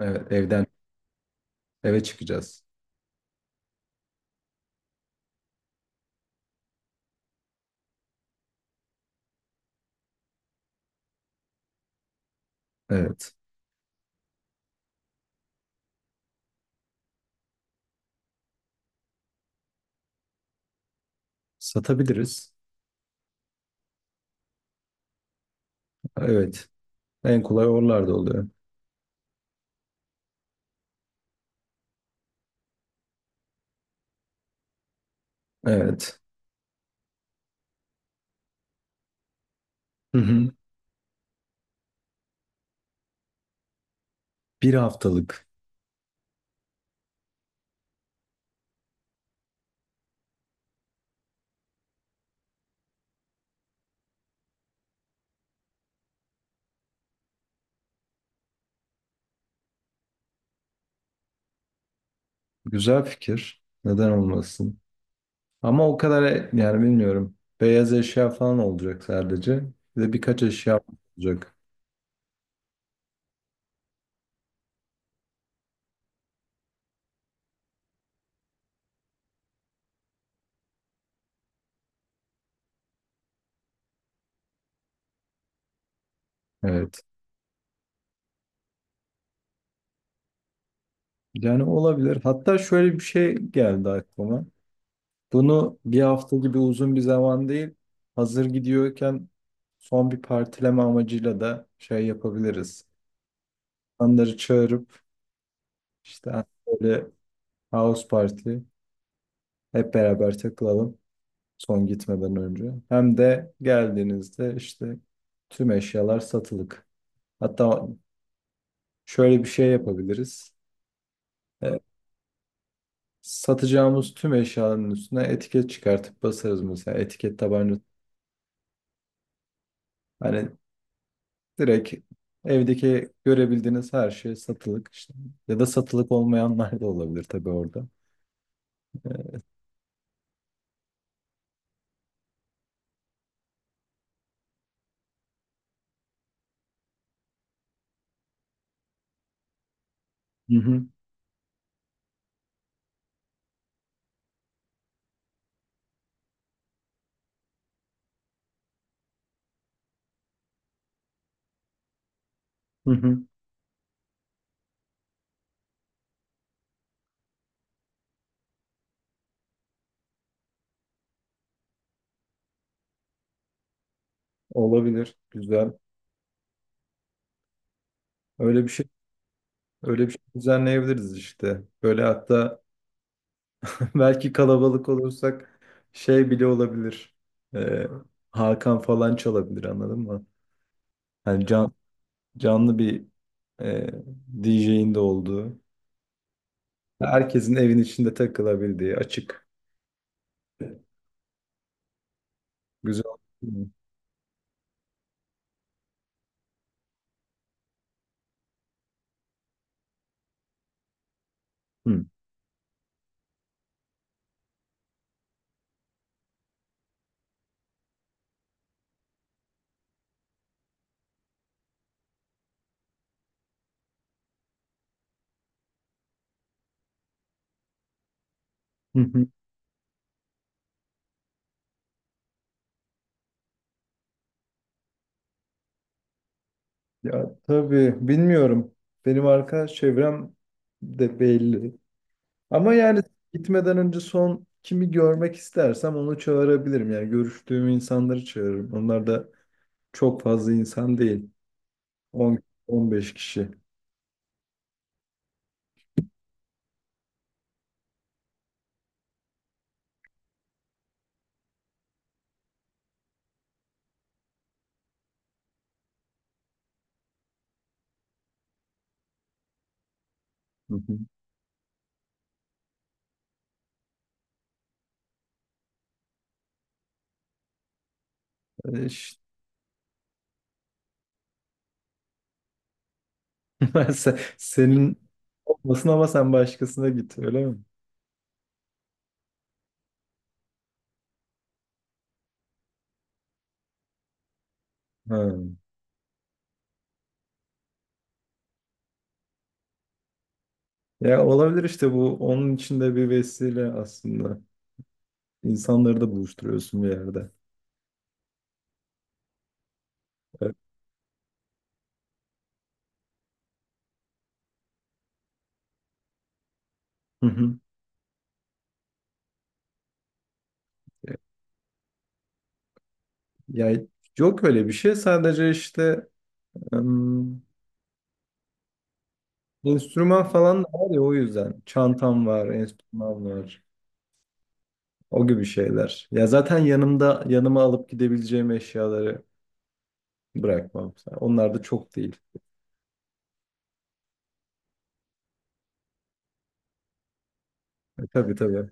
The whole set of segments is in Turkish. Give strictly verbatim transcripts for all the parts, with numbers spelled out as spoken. Evet, evden eve çıkacağız. Evet. Satabiliriz. Evet. En kolay oralarda oluyor. Evet. Hı hı. Bir haftalık. Güzel fikir. Neden olmasın? Ama o kadar e- yani bilmiyorum. Beyaz eşya falan olacak sadece. Bir de birkaç eşya olacak. Evet. Yani olabilir. Hatta şöyle bir şey geldi aklıma. Bunu bir hafta gibi uzun bir zaman değil. Hazır gidiyorken son bir partileme amacıyla da şey yapabiliriz, insanları çağırıp işte böyle house party hep beraber takılalım son gitmeden önce. Hem de geldiğinizde işte tüm eşyalar satılık. Hatta şöyle bir şey yapabiliriz. E, satacağımız tüm eşyaların üstüne etiket çıkartıp basarız mesela etiket tabanca. Hani direkt evdeki görebildiğiniz her şey satılık işte. Ya da satılık olmayanlar da olabilir tabii orada. Hı hı, hı hı. Olabilir. Güzel. Öyle bir şey Öyle bir şey düzenleyebiliriz işte. Böyle hatta belki kalabalık olursak şey bile olabilir. Ee, Hakan falan çalabilir anladın mı? Hani can, canlı bir e, D J'in de olduğu. Herkesin evin içinde takılabildiği açık. Güzel. Hı. Hı hı. Ya tabii bilmiyorum. Benim arkadaş çevrem de belli. Ama yani gitmeden önce son kimi görmek istersem onu çağırabilirim. Yani görüştüğüm insanları çağırırım. Onlar da çok fazla insan değil. on on beş kişi. Hı hı. Yani işte ben se- senin olmasın ama sen başkasına git öyle mi? Ha. Ya olabilir işte bu onun için de bir vesile aslında. İnsanları da buluşturuyorsun bir yerde. Evet. Hı hı. Ya yok öyle bir şey sadece işte enstrüman falan da var ya o yüzden. Çantam var, enstrüman var. O gibi şeyler. Ya zaten yanımda yanıma alıp gidebileceğim eşyaları bırakmam. Onlar da çok değil. E, tabii tabii.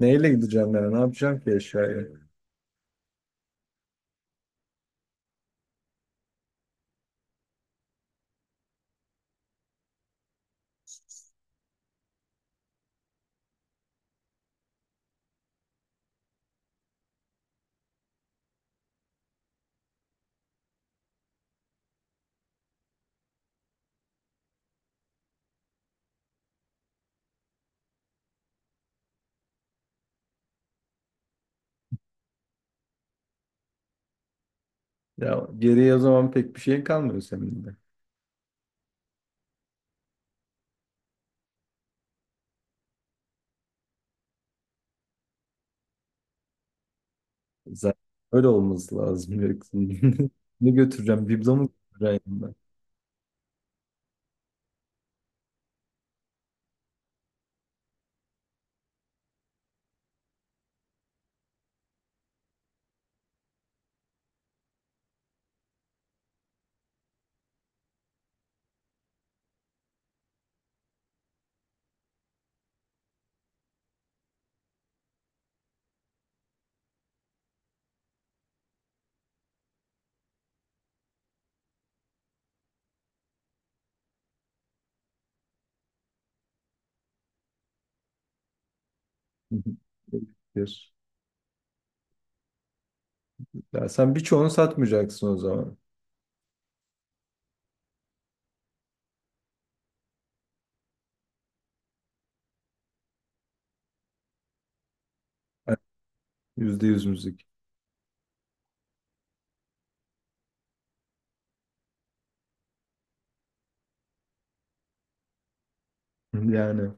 Neyle gideceğim yani? Ne yapacağım ki eşyayı? Ya geriye o zaman pek bir şey kalmıyor senin de. Zaten öyle olması lazım. Yoksa ne götüreceğim? Biblo mu götüreceğim yanımda? Ya sen birçoğunu satmayacaksın o zaman. Yani yüzde yüz müzik. Yani.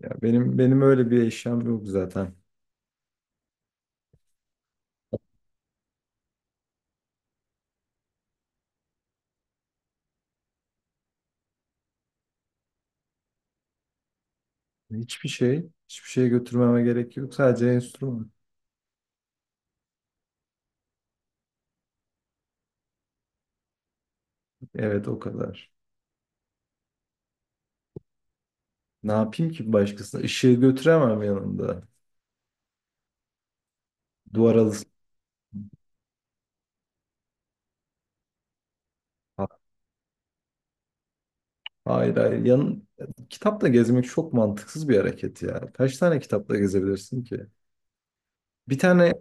Ya benim benim öyle bir eşyam yok zaten. Hiçbir şey, hiçbir şey götürmeme gerek yok. Sadece enstrüman. Evet, o kadar. Ne yapayım ki başkasına? Işığı götüremem yanımda. Duvar alısı. Ha- Hayır hayır. Yan... Kitapla gezmek çok mantıksız bir hareket ya. Kaç tane kitapla gezebilirsin ki? Bir tane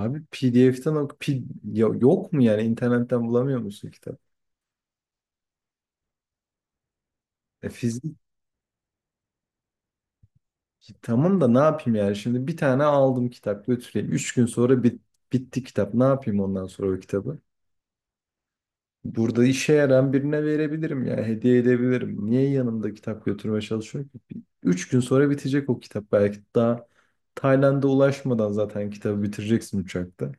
abi P D F'den ok P... ya- yok mu yani internetten bulamıyor musun kitap? E, fizik Ki Tamam da ne yapayım yani? Şimdi bir tane aldım kitap götüreyim. Üç gün sonra bit- bitti kitap. Ne yapayım ondan sonra o kitabı? Burada işe yarayan birine verebilirim yani hediye edebilirim. Niye yanımda kitap götürmeye çalışıyorum ki? Bir- Üç gün sonra bitecek o kitap belki daha Tayland'a ulaşmadan zaten kitabı bitireceksin uçakta.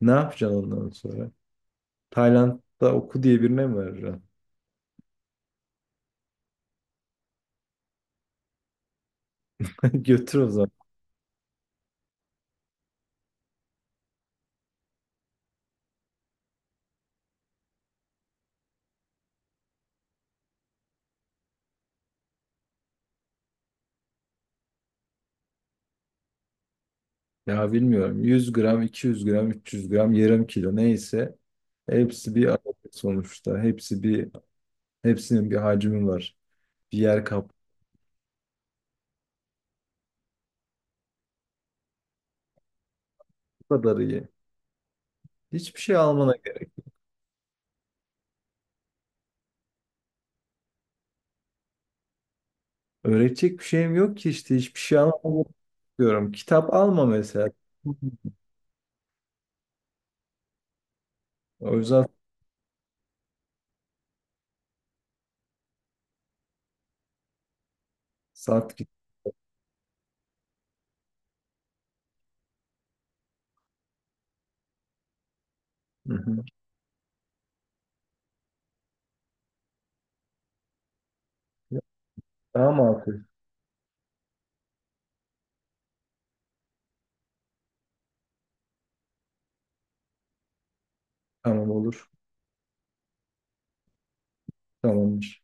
Ne yapacaksın ondan sonra? Tayland'da oku diye birine mi vereceksin? Götür o zaman. Ya bilmiyorum 100 gram, 200 gram, 300 gram, yarım kilo neyse hepsi bir adet sonuçta. Hepsi bir hepsinin bir hacmi var. Bir yer kap Bu kadar iyi. Hiçbir şey almana gerek. Öğretecek bir şeyim yok ki işte hiçbir şey almamı diyorum. Kitap alma mesela. O yüzden sat git. Hı hı. Daha mı altı? Tamam olur. Tamamdır.